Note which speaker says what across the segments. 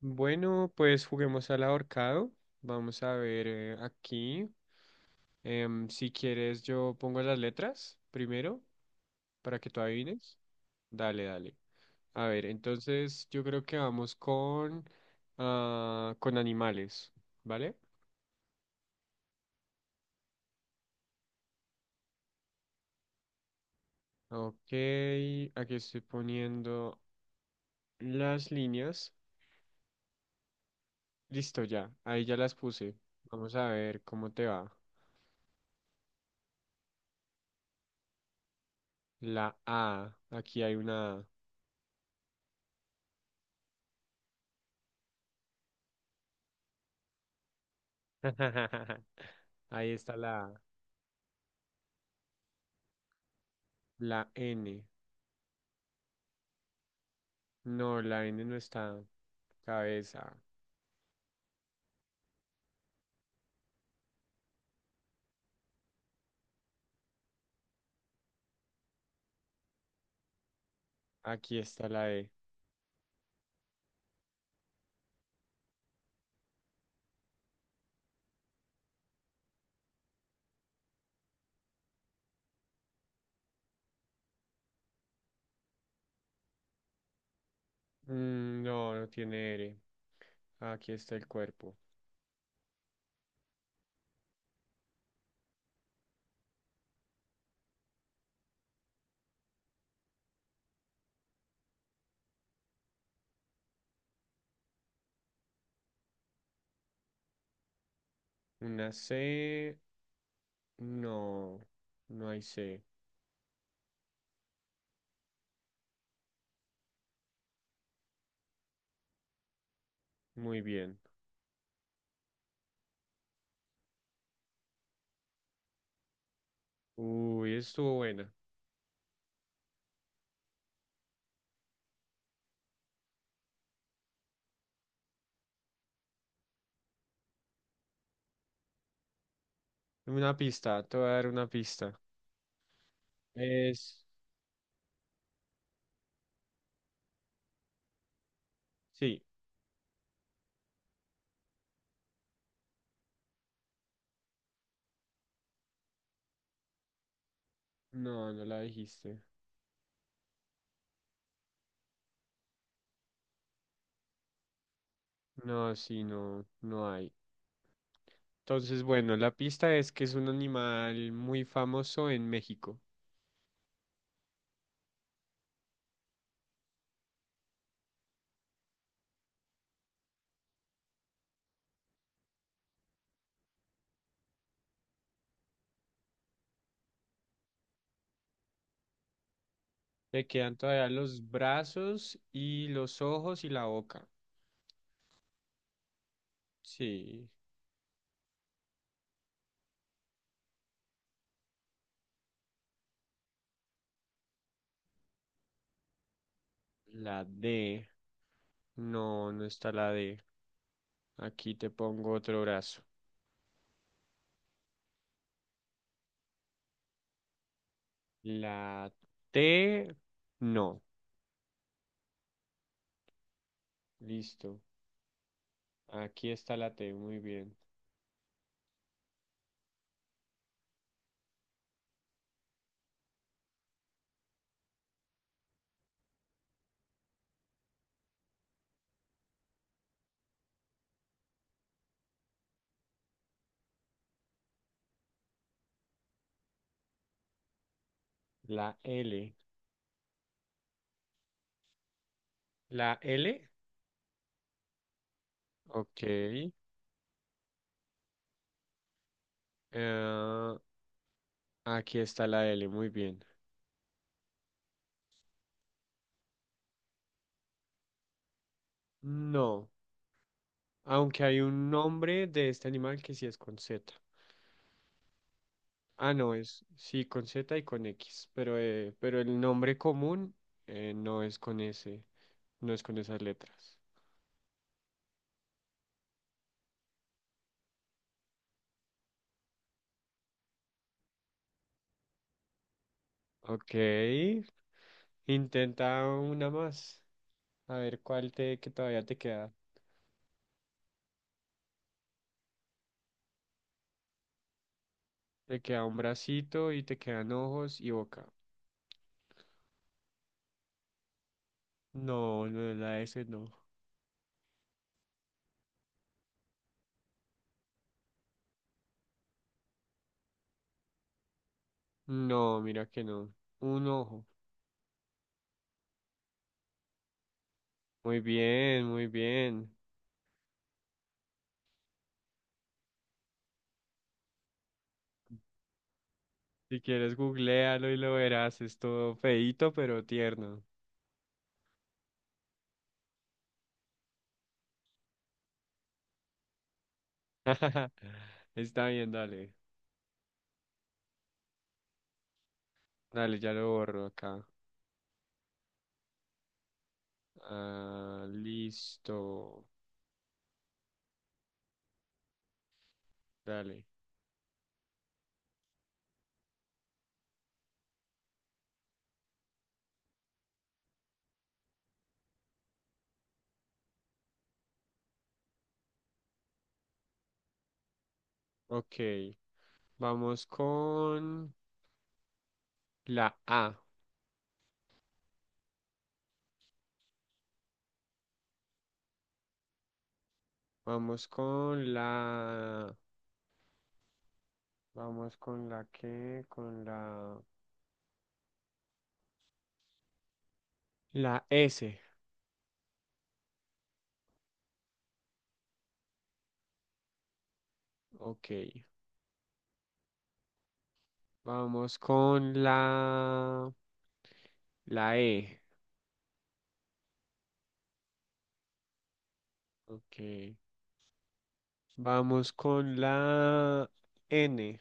Speaker 1: Bueno, pues juguemos al ahorcado. Vamos a ver aquí. Si quieres, yo pongo las letras primero para que tú adivines. Dale, dale. A ver, entonces yo creo que vamos con, con animales, ¿vale? Ok, aquí estoy poniendo las líneas. Listo, ya. Ahí ya las puse. Vamos a ver cómo te va. La A. Aquí hay una A. Ahí está la A. La N. No, la N no está. Cabeza. Aquí está la E. Mm, no, no tiene R. Aquí está el cuerpo. Una C. No, no hay C. Muy bien. Uy, estuvo buena. Una pista, te voy a dar una pista. Es... Sí. No, no la dijiste. No, sí, no, no hay. Entonces, bueno, la pista es que es un animal muy famoso en México. Le quedan todavía los brazos y los ojos y la boca. Sí, la D. No, no está la D. Aquí te pongo otro brazo. La T. No. Listo. Aquí está la T. Muy bien. La L. La L. Ok. Aquí está la L. Muy bien. No. Aunque hay un nombre de este animal que sí es con Z. Ah, no, es sí con Z y con X, pero el nombre común no es con ese, no es con esas letras. Ok, intenta una más. A ver cuál te que todavía te queda. Te queda un bracito y te quedan ojos y boca. No, no es la S, no. No, mira que no. Un ojo. Muy bien, muy bien. Si quieres, googlealo y lo verás. Es todo feíto, pero tierno. Está bien, dale. Dale, ya lo borro acá. Ah, listo. Dale. Ok. Vamos con la A. Vamos con la... Vamos con la que Con la... La S. Ok. Vamos con la... La E. Ok. Vamos con la N.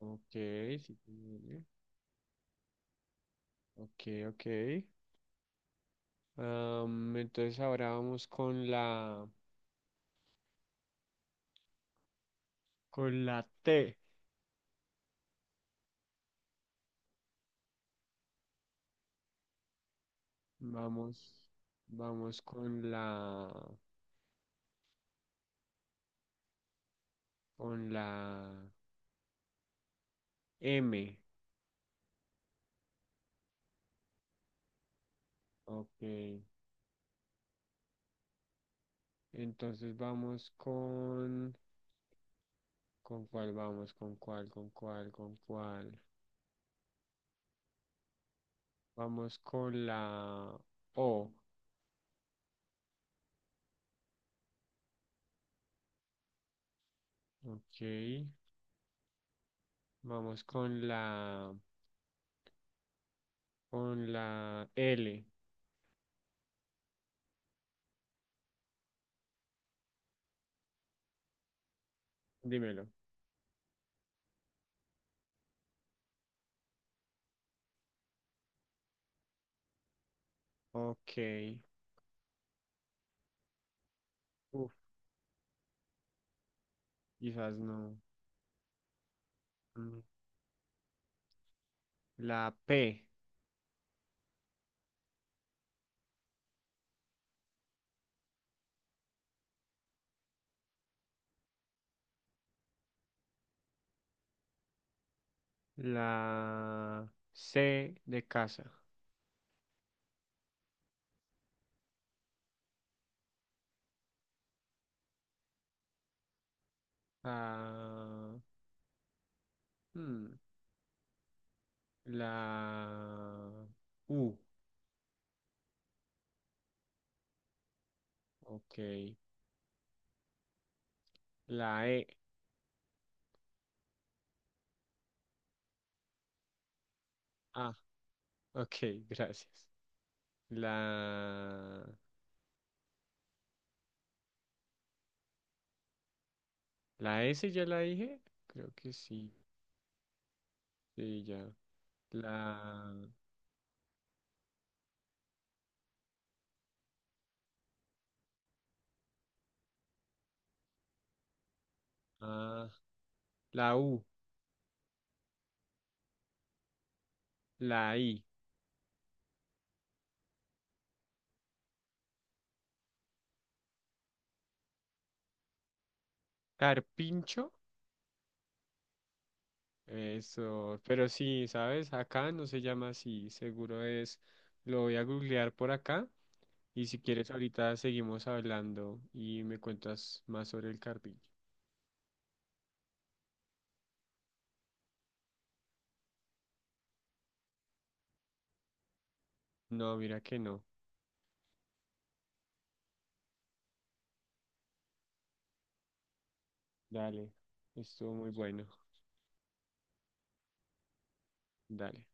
Speaker 1: Ok. Sí, tiene N. Ok, ok. Am, entonces ahora vamos con la T. Vamos, vamos con la M. Ok. Entonces vamos con cuál vamos, con cuál, con cuál, con cuál. Vamos con la O. Ok. Vamos con la L. Dímelo. Ok. Uf, quizás no. Mm, la P. La C de casa. Ah, hmm, la U. Ok. La E. Ah, ok, gracias. La, la S ya la dije. Creo que sí. Sí, ya. La, ah, la U. La I. Carpincho. Eso. Pero sí, ¿sabes? Acá no se llama así. Seguro es. Lo voy a googlear por acá. Y si quieres, ahorita seguimos hablando y me cuentas más sobre el carpincho. No, mira que no. Dale, estuvo muy bueno. Dale.